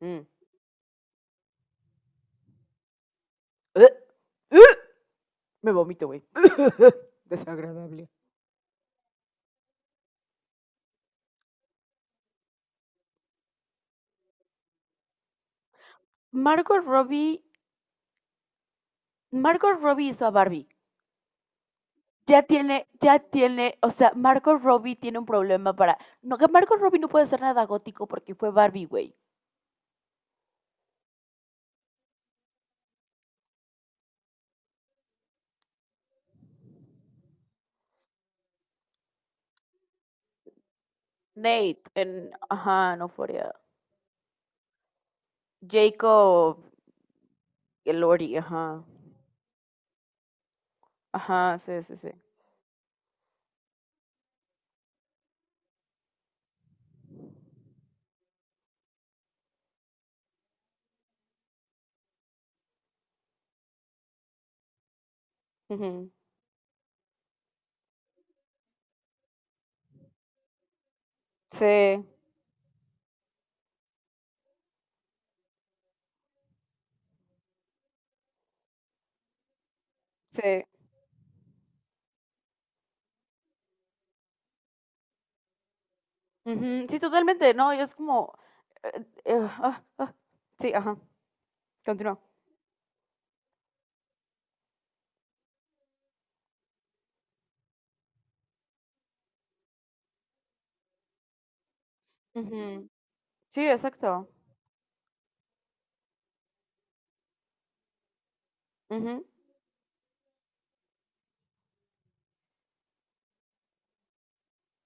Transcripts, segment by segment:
Mm. ¡Ugh! ¡Ugh! Me vomito, güey. Desagradable. Margot Robbie, Margot Robbie hizo a Barbie. Ya tiene, o sea, Margot Robbie tiene un problema para. No, que Margot Robbie no puede ser nada gótico porque fue Barbie, güey. Nate, en, ajá, no fuera. Jacob, el Lori, ajá. Ajá, sí, sí, sí. Ujú. Sí, sí. Ujú, sí, totalmente, no, es como eh, eh, ah, ah, sí, ajá, continúa. Ujú. Sí, exacto. Ujú,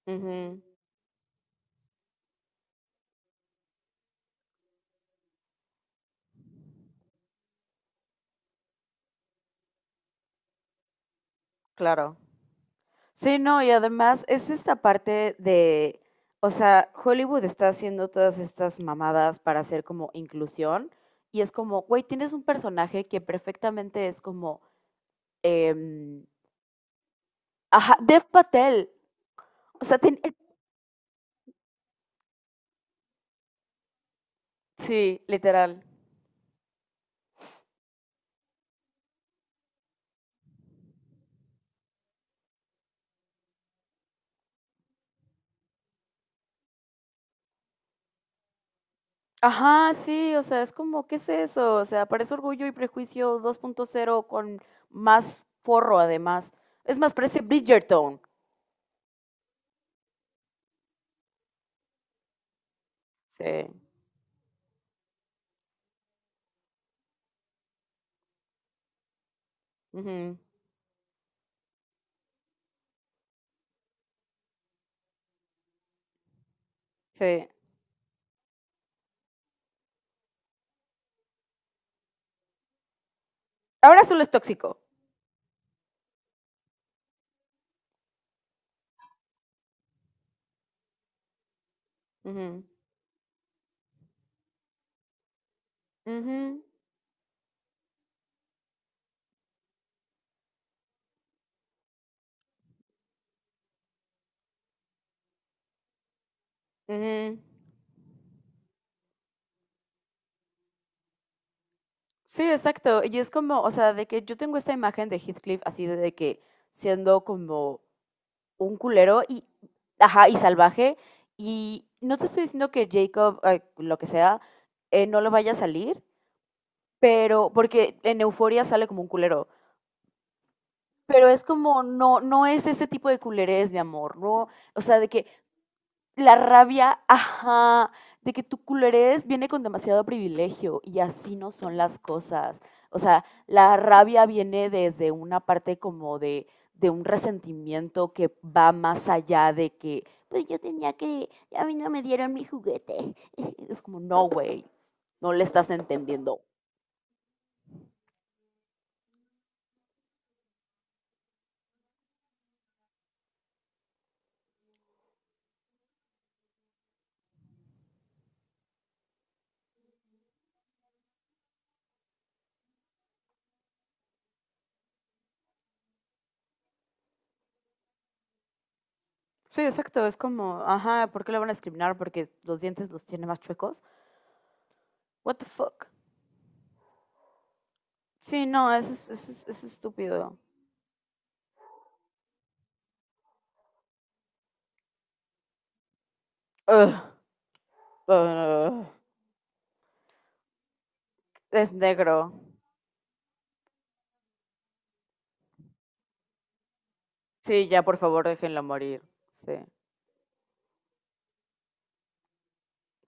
ujú, claro. Sí, no, y además es esta parte o sea, Hollywood está haciendo todas estas mamadas para hacer como inclusión y es como, güey, tienes un personaje que perfectamente es como, em, ajá, Dev Patel. O sea, sí, literal. Ajá, sí, o sea, es como, ¿qué es eso? O sea, parece Orgullo y Prejuicio dos punto cero con más forro además. Es más, parece Bridgerton. Sí. Ujú, sí. Ahora solo es tóxico. Ujú, ujú, ujú. Sí, exacto. Y es como, o sea, de que yo tengo esta imagen de Heathcliff así de que siendo como un culero y, ajá, y salvaje. Y no te estoy diciendo que Jacob, lo que sea, no lo vaya a salir, pero porque en Euforia sale como un culero. Pero es como, no, no es ese tipo de culerés, mi amor, ¿no? O sea, de que la rabia, ajá, de que tu culerés viene con demasiado privilegio y así no son las cosas. O sea, la rabia viene desde una parte como de un resentimiento que va más allá de que, pues yo tenía que, a mí no me dieron mi juguete. Es como, no, güey, no le estás entendiendo. Sí, exacto. Es como, ajá, ¿por qué lo van a discriminar? Porque los dientes los tiene más chuecos. What the fuck? Sí, no, eso es estúpido. Ugh. Ah, es negro. Sí, ya por favor déjenlo morir. Sí.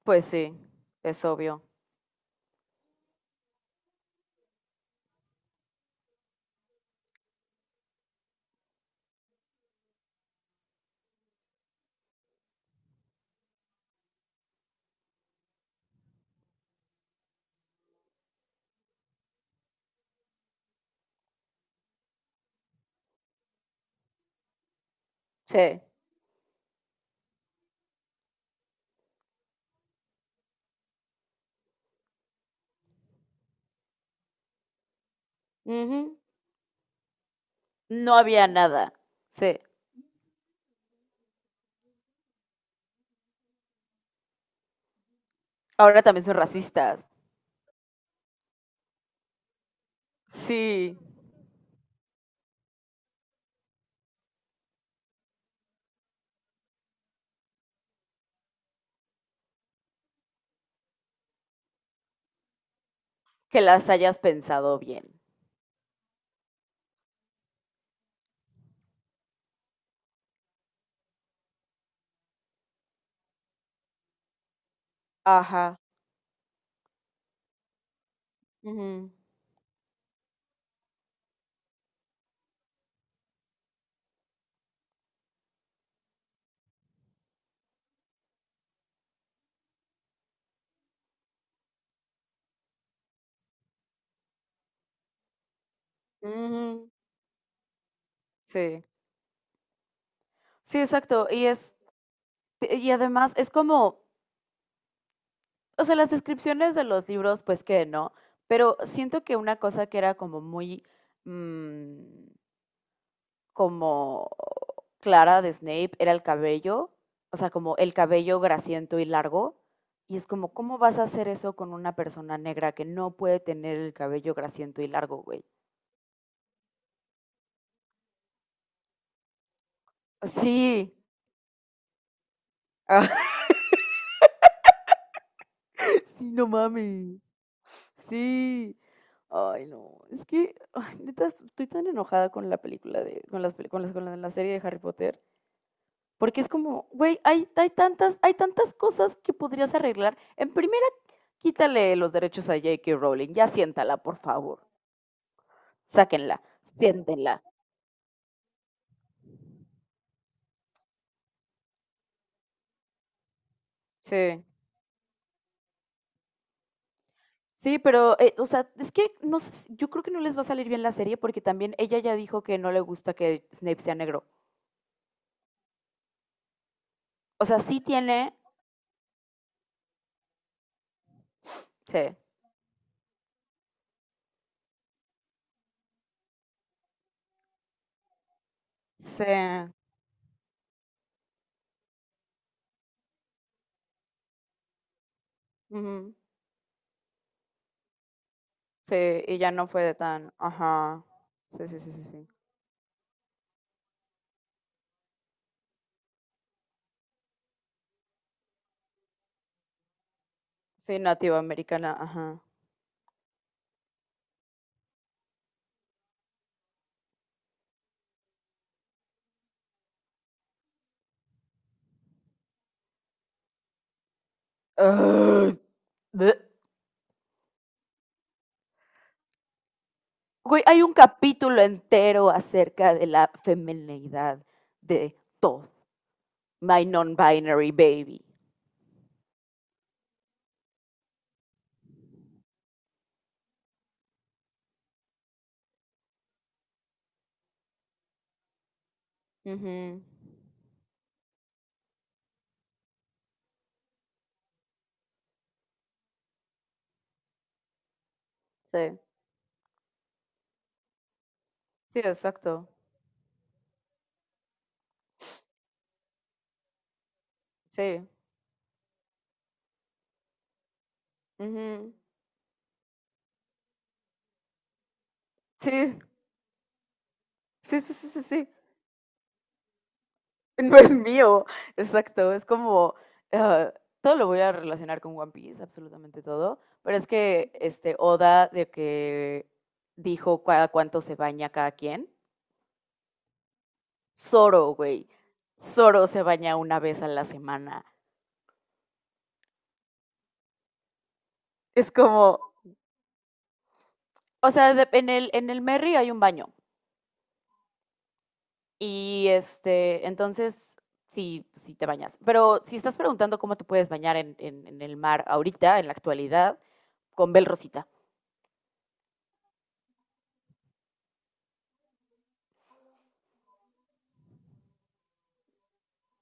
Pues sí, es obvio. Sí. Ujú. No había nada. Sí. Ahora también son racistas. Sí. Que las hayas pensado bien. Ajá. Ujú. Ujú. Sí. Sí, exacto. Y es, y además es como, o sea, las descripciones de los libros, pues que no. Pero siento que una cosa que era como muy mm, como Clara de Snape era el cabello, o sea, como el cabello grasiento y largo. Y es como, ¿cómo vas a hacer eso con una persona negra que no puede tener el cabello grasiento y largo, güey? Sí, ah, sí, no mames, sí. Ay, no, es que, ay, neta, estoy tan enojada con la película de, con las, peli- con las- con la, la serie de Harry Potter, porque es como, güey, hay tantas cosas que podrías arreglar. En primer. Quítale los derechos a J.K. Rowling, ya siéntala, por favor. Sáquenla, siéntenla. Sí. Sí, pero, o sea, es que no sé, yo creo que no les va a salir bien la serie porque también ella ya dijo que no le gusta que Snape sea negro. O sea, sí tiene, sí. Sí. Ujú, sí, y ya no fue de tan. Ajá. Sí, sí, sí, sí, sí. Sí, nativa americana, ajá. Ugh, bleh. Güey, hay un capítulo entero acerca de la femineidad de Todd. My Non-Binary Baby. Ujú, sí, sí, exacto. Sí. Ujú, sí, sí, sí, sí, sí, sí. No es mío. Exacto. Es como. Ah, todo lo voy a relacionar con One Piece, absolutamente todo. Pero es que este Oda de que dijo cada cuánto se baña cada quien. Zoro, güey. Zoro se baña una vez a la semana. Es como. O sea, en el Merry hay un baño. Y este, entonces, sí, sí te bañas. Pero si estás preguntando cómo te puedes bañar en, en el mar ahorita, en la actualidad, con Bel Rosita.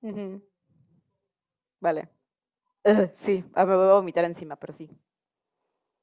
Ujú, vale. Ugh, sí, ah, me voy a vomitar encima, pero sí.